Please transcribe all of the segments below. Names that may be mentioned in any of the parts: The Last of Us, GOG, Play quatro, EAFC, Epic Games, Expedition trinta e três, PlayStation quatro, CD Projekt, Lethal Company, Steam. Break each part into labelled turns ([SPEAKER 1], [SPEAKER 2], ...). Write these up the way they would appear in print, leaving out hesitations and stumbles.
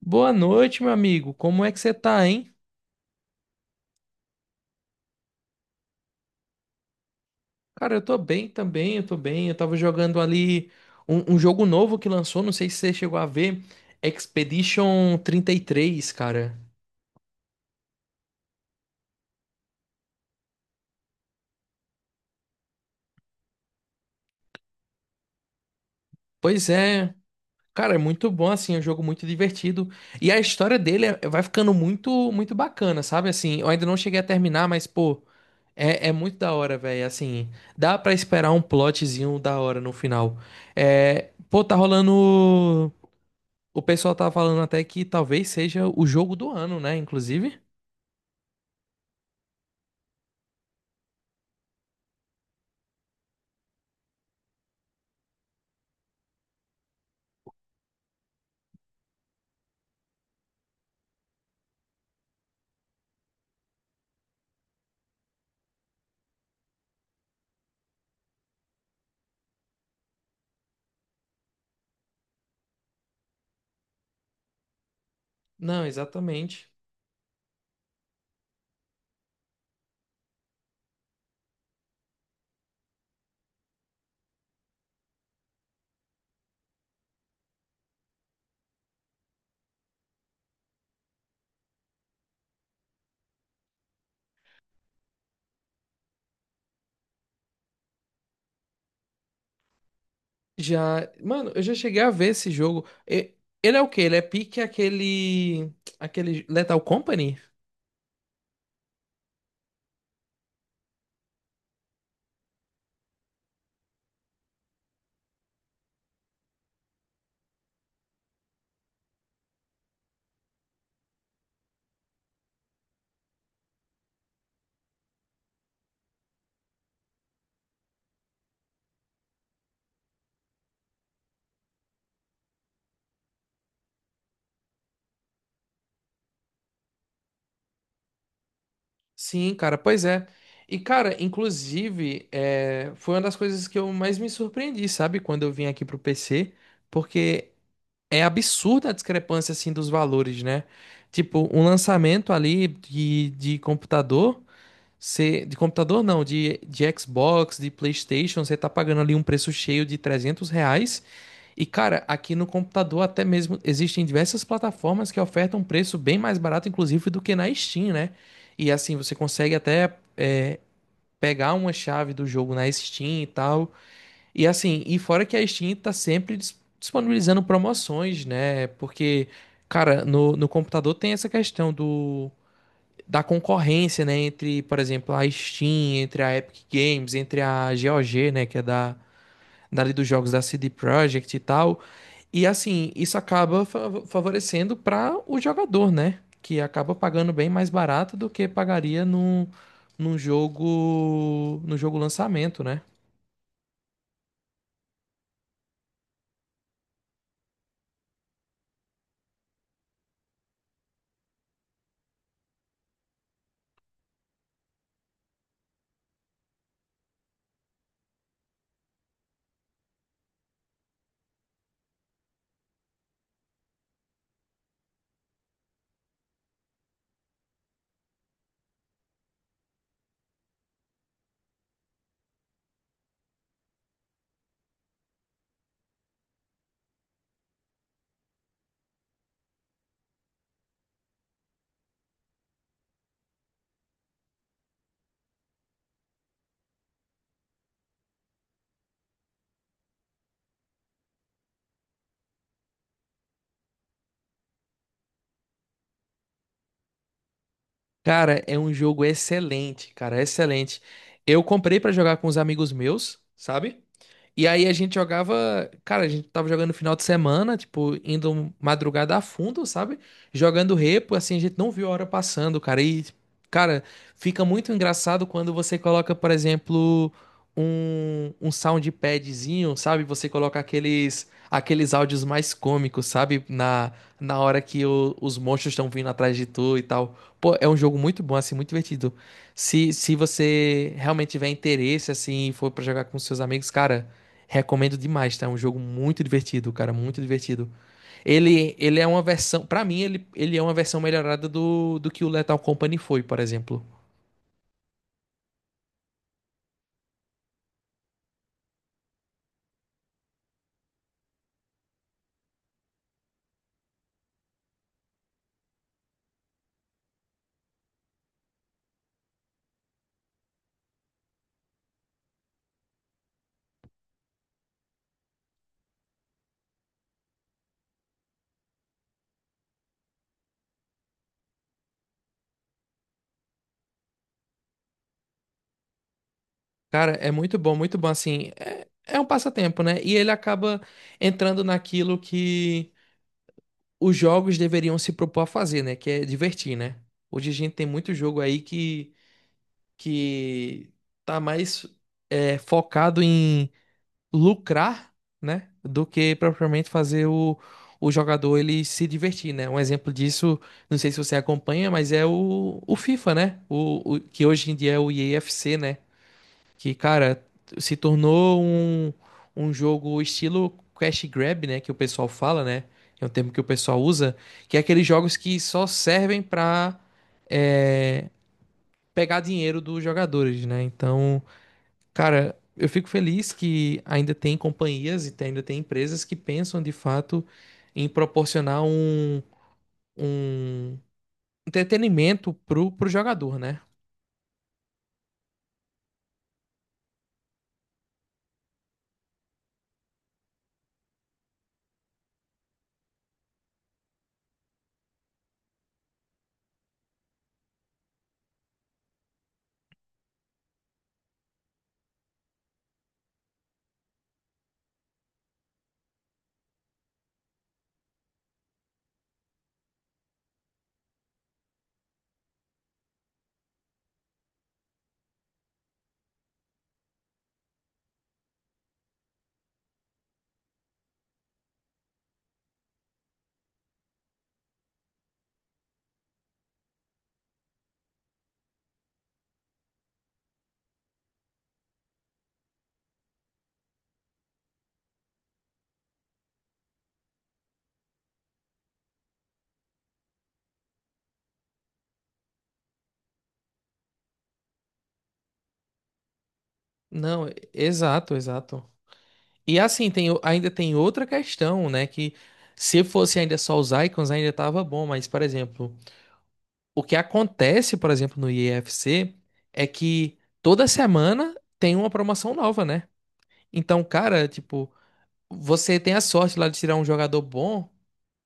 [SPEAKER 1] Boa noite, meu amigo. Como é que você tá, hein? Cara, eu tô bem também, eu tô bem. Eu tava jogando ali um jogo novo que lançou, não sei se você chegou a ver, Expedition trinta e três, cara. Pois é, cara, é muito bom, assim, é um jogo muito divertido. E a história dele vai ficando muito, muito bacana, sabe? Assim, eu ainda não cheguei a terminar, mas, pô, é muito da hora, velho. Assim, dá pra esperar um plotzinho da hora no final. É, pô, tá rolando. O pessoal tá falando até que talvez seja o jogo do ano, né? Inclusive. Não, exatamente. Já, mano, eu já cheguei a ver esse jogo. Ele é o quê? Ele é pique aquele Lethal Company? Sim, cara, pois é. E cara, inclusive, foi uma das coisas que eu mais me surpreendi, sabe, quando eu vim aqui pro PC, porque é absurda a discrepância assim dos valores, né? Tipo, um lançamento ali de computador. Você, de computador não, de Xbox, de PlayStation, você tá pagando ali um preço cheio de R$ 300. E cara, aqui no computador até mesmo existem diversas plataformas que ofertam um preço bem mais barato, inclusive, do que na Steam, né? E assim, você consegue até pegar uma chave do jogo na Steam e tal. E assim, e fora que a Steam tá sempre disponibilizando promoções, né? Porque, cara, no computador tem essa questão do da concorrência, né, entre, por exemplo, a Steam, entre a Epic Games, entre a GOG, né, que é da dali dos jogos da CD Projekt e tal. E assim, isso acaba favorecendo para o jogador, né, que acaba pagando bem mais barato do que pagaria num, num jogo no jogo lançamento, né? Cara, é um jogo excelente, cara, excelente. Eu comprei para jogar com os amigos meus, sabe? E aí a gente jogava, cara, a gente tava jogando no final de semana, tipo, indo madrugada a fundo, sabe? Jogando repo, assim, a gente não viu a hora passando, cara. E, cara, fica muito engraçado quando você coloca, por exemplo, um soundpadzinho, sabe? Você coloca aqueles áudios mais cômicos, sabe? Na, na hora que os monstros estão vindo atrás de tu e tal. Pô, é um jogo muito bom, assim, muito divertido. Se você realmente tiver interesse, assim, e for pra jogar com seus amigos, cara. Recomendo demais, tá? É um jogo muito divertido, cara, muito divertido. Ele é uma versão. Pra mim, ele é uma versão melhorada do que o Lethal Company foi, por exemplo. Cara, é muito bom, assim, é, é um passatempo, né? E ele acaba entrando naquilo que os jogos deveriam se propor a fazer, né? Que é divertir, né? Hoje a gente tem muito jogo aí que tá mais focado em lucrar, né, do que propriamente fazer o jogador ele se divertir, né? Um exemplo disso, não sei se você acompanha, mas é o FIFA, né? Que hoje em dia é o EAFC, né? Que, cara, se tornou um jogo estilo cash grab, né, que o pessoal fala, né? É um termo que o pessoal usa, que é aqueles jogos que só servem pra é, pegar dinheiro dos jogadores, né? Então, cara, eu fico feliz que ainda tem companhias e ainda tem empresas que pensam de fato em proporcionar um entretenimento pro jogador, né? Não, e- exato, exato. E assim, tem, ainda tem outra questão, né? Que se fosse ainda só os icons, ainda tava bom, mas, por exemplo, o que acontece, por exemplo, no IEFC é que toda semana tem uma promoção nova, né? Então, cara, tipo, você tem a sorte lá de tirar um jogador bom.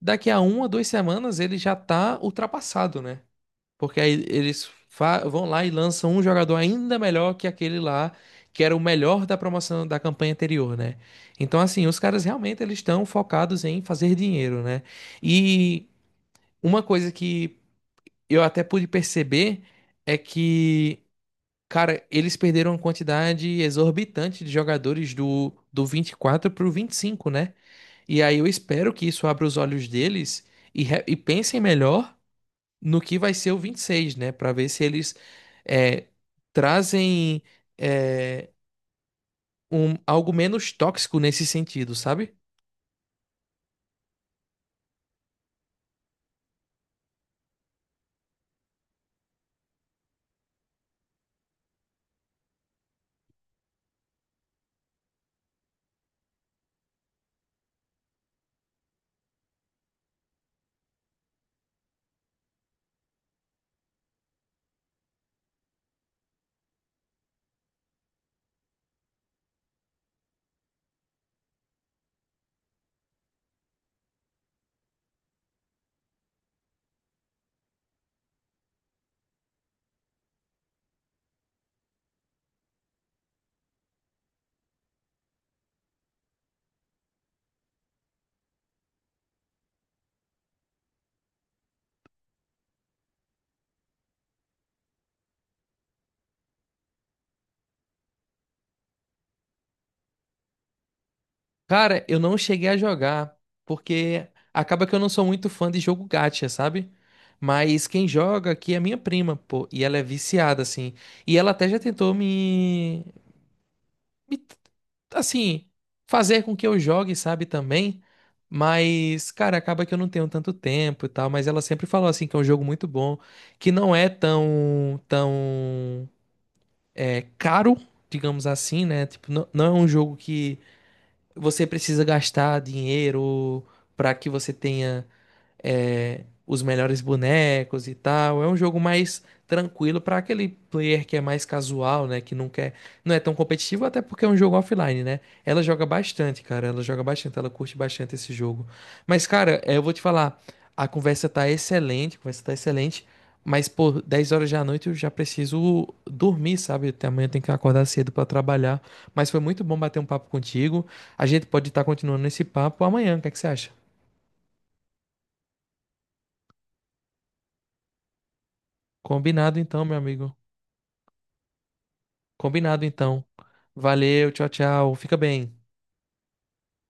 [SPEAKER 1] Daqui a uma, duas semanas ele já tá ultrapassado, né? Porque aí eles vão lá e lançam um jogador ainda melhor que aquele lá, que era o melhor da promoção da campanha anterior, né? Então, assim, os caras realmente eles estão focados em fazer dinheiro, né? E uma coisa que eu até pude perceber é que, cara, eles perderam uma quantidade exorbitante de jogadores do 24 pro 25, né? E aí eu espero que isso abra os olhos deles e, e pensem melhor no que vai ser o 26, né? Para ver se eles é, trazem é, algo menos tóxico nesse sentido, sabe? Cara, eu não cheguei a jogar porque acaba que eu não sou muito fã de jogo gacha, sabe? Mas quem joga aqui é minha prima, pô, e ela é viciada, assim. E ela até já tentou me- assim, fazer com que eu jogue, sabe, também. Mas, cara, acaba que eu não tenho tanto tempo e tal, mas ela sempre falou assim que é um jogo muito bom, que não é tão caro, digamos assim, né? Tipo, não é um jogo que você precisa gastar dinheiro pra que você tenha os melhores bonecos e tal. É um jogo mais tranquilo para aquele player que é mais casual, né? Que não quer, não é tão competitivo, até porque é um jogo offline, né? Ela joga bastante, cara. Ela joga bastante, ela curte bastante esse jogo. Mas, cara, eu vou te falar, a conversa tá excelente, a conversa tá excelente. Mas, pô, 10 horas da noite eu já preciso dormir, sabe? Até amanhã eu tenho que acordar cedo para trabalhar. Mas foi muito bom bater um papo contigo. A gente pode estar continuando esse papo amanhã. O que é que você acha? Combinado então, meu amigo. Combinado então. Valeu, tchau, tchau. Fica bem.